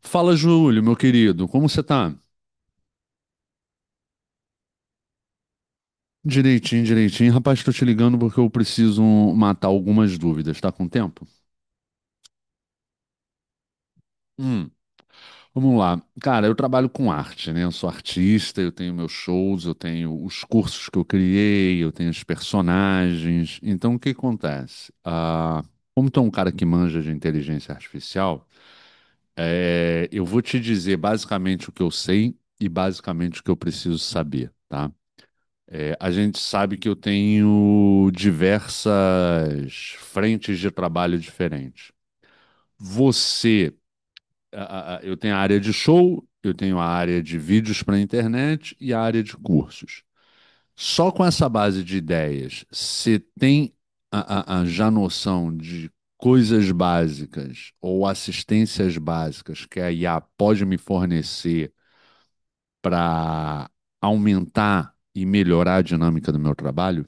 Fala, Júlio, meu querido, como você tá? Direitinho, direitinho. Rapaz, tô te ligando porque eu preciso matar algumas dúvidas, tá com tempo? Hum, vamos lá. Cara, eu trabalho com arte, né? Eu sou artista, eu tenho meus shows, eu tenho os cursos que eu criei, eu tenho os personagens. Então, o que acontece? Como tu é um cara que manja de inteligência artificial, eu vou te dizer basicamente o que eu sei e basicamente o que eu preciso saber, tá? A gente sabe que eu tenho diversas frentes de trabalho diferentes. Você, eu tenho a área de show, eu tenho a área de vídeos para internet e a área de cursos. Só com essa base de ideias, você tem a já noção de coisas básicas ou assistências básicas que a IA pode me fornecer para aumentar e melhorar a dinâmica do meu trabalho?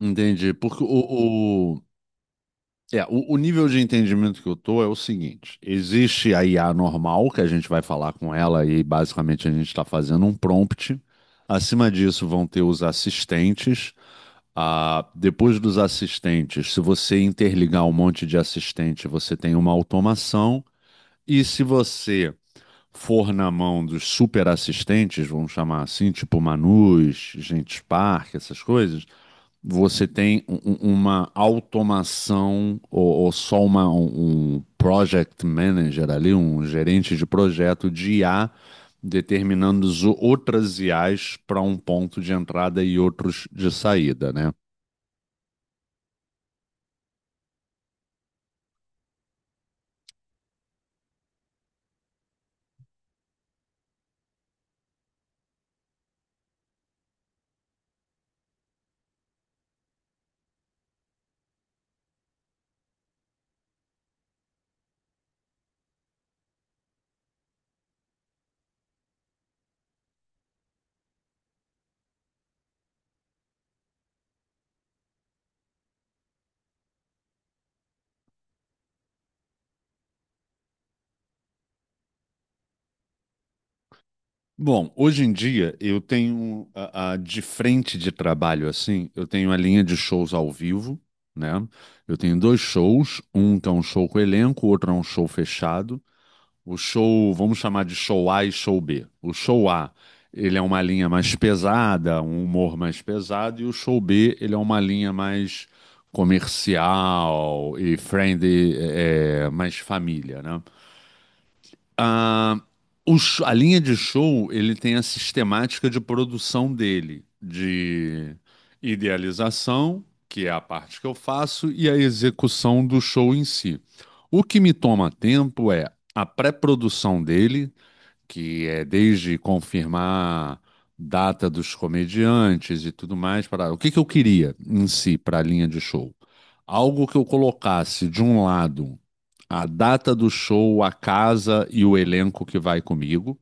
Entendi. Porque o nível de entendimento que eu tô é o seguinte: existe a IA normal, que a gente vai falar com ela e basicamente a gente está fazendo um prompt. Acima disso vão ter os assistentes. Depois dos assistentes, se você interligar um monte de assistente, você tem uma automação. E se você for na mão dos super assistentes, vamos chamar assim, tipo Manus, Gentes Park, essas coisas, você tem uma automação ou um project manager ali, um gerente de projeto de IA, determinando outras IAs para um ponto de entrada e outros de saída, né? Bom, hoje em dia eu tenho de frente de trabalho assim, eu tenho a linha de shows ao vivo, né? Eu tenho dois shows, um que é um show com elenco, o outro é um show fechado. O show, vamos chamar de show A e show B. O show A, ele é uma linha mais pesada, um humor mais pesado, e o show B, ele é uma linha mais comercial e friendly, mais família, né? Ah, a linha de show, ele tem a sistemática de produção dele, de idealização, que é a parte que eu faço, e a execução do show em si. O que me toma tempo é a pré-produção dele, que é desde confirmar data dos comediantes e tudo mais. Para o que que eu queria em si para a linha de show? Algo que eu colocasse de um lado a data do show, a casa e o elenco que vai comigo.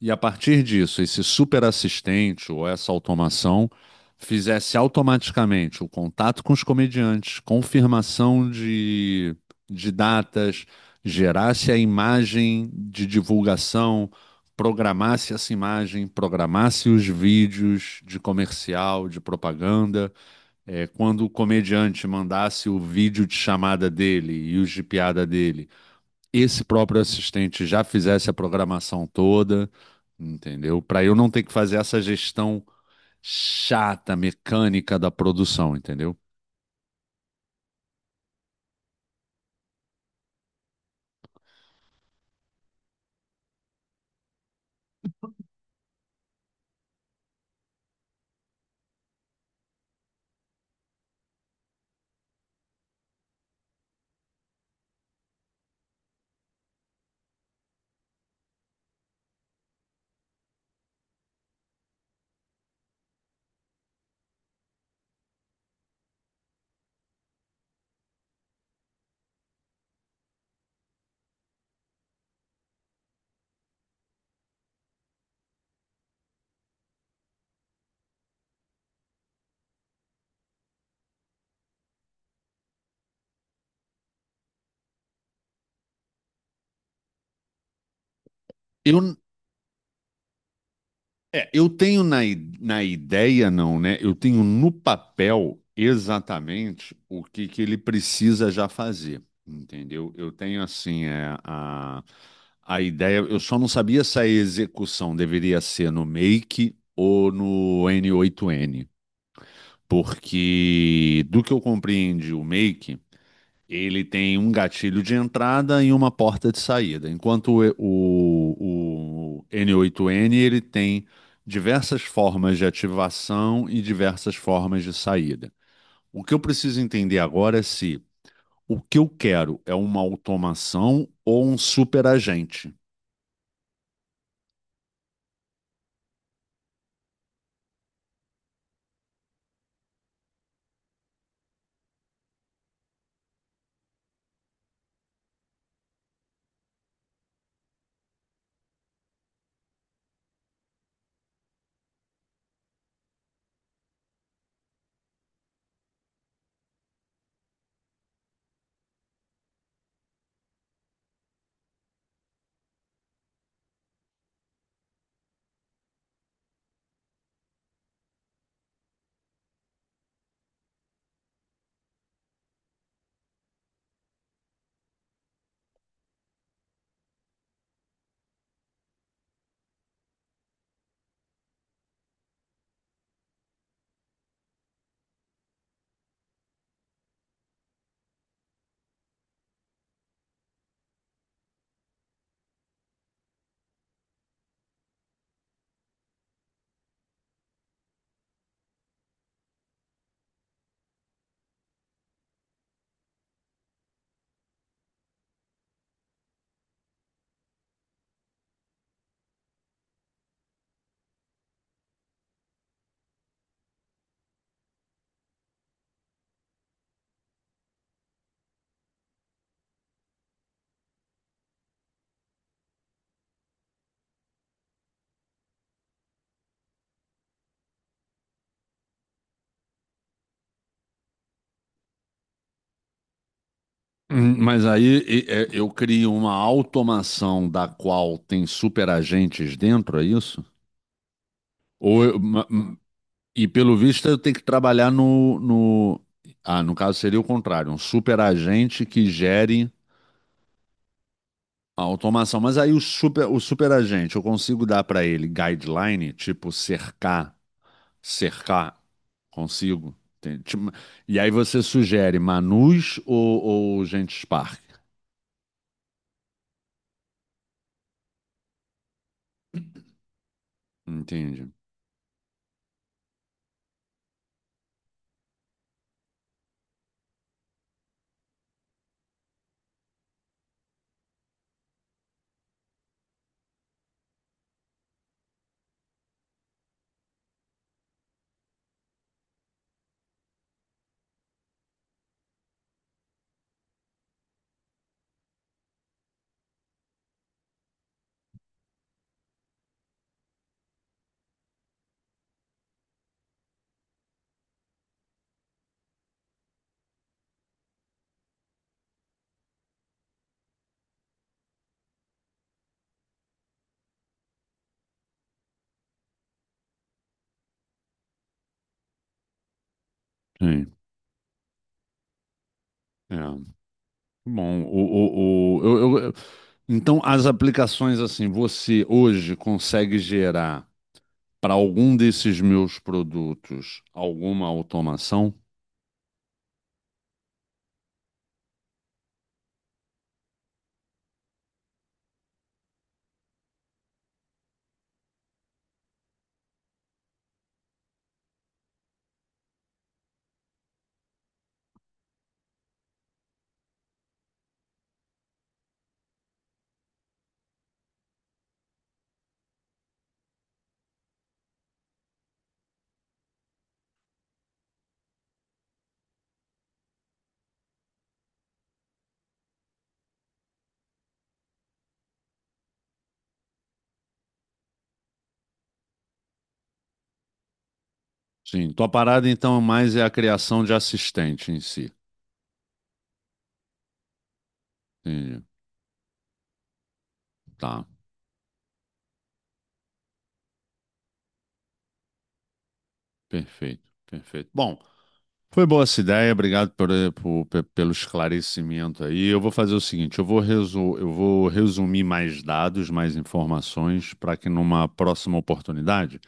E a partir disso, esse super assistente ou essa automação fizesse automaticamente o contato com os comediantes, confirmação de datas, gerasse a imagem de divulgação, programasse essa imagem, programasse os vídeos de comercial, de propaganda. É, quando o comediante mandasse o vídeo de chamada dele e os de piada dele, esse próprio assistente já fizesse a programação toda, entendeu? Para eu não ter que fazer essa gestão chata, mecânica da produção, entendeu? Eu, eu tenho na ideia, não, né? Eu tenho no papel exatamente que ele precisa já fazer, entendeu? Eu tenho, assim, a ideia. Eu só não sabia se a execução deveria ser no Make ou no N8N. Porque, do que eu compreendi, o Make, ele tem um gatilho de entrada e uma porta de saída. Enquanto o n oito n, ele tem diversas formas de ativação e diversas formas de saída. O que eu preciso entender agora é se o que eu quero é uma automação ou um superagente. Mas aí, é, eu crio uma automação da qual tem superagentes dentro, é isso? Ou eu... E pelo visto eu tenho que trabalhar no, no... Ah, no caso seria o contrário, um super agente que gere a automação. Mas aí o super agente, eu consigo dar para ele guideline, tipo cercar, cercar, consigo. Tem, tipo, e aí você sugere Manus ou gente Spark? Entende? Sim. É. Bom, então as aplicações assim, você hoje consegue gerar para algum desses meus produtos alguma automação? Sim, tua parada então mais é a criação de assistente em si. Entendi. Tá, perfeito, perfeito. Bom, foi boa essa ideia, obrigado pelo esclarecimento aí. Eu vou fazer o seguinte, eu vou, eu vou resumir mais dados, mais informações, para que numa próxima oportunidade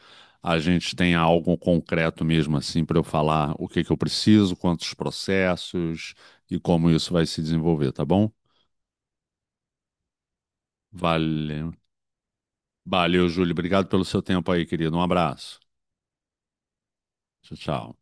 a gente tenha algo concreto mesmo assim para eu falar o que que eu preciso, quantos processos e como isso vai se desenvolver, tá bom? Valeu. Valeu, Júlio. Obrigado pelo seu tempo aí, querido. Um abraço. Tchau, tchau.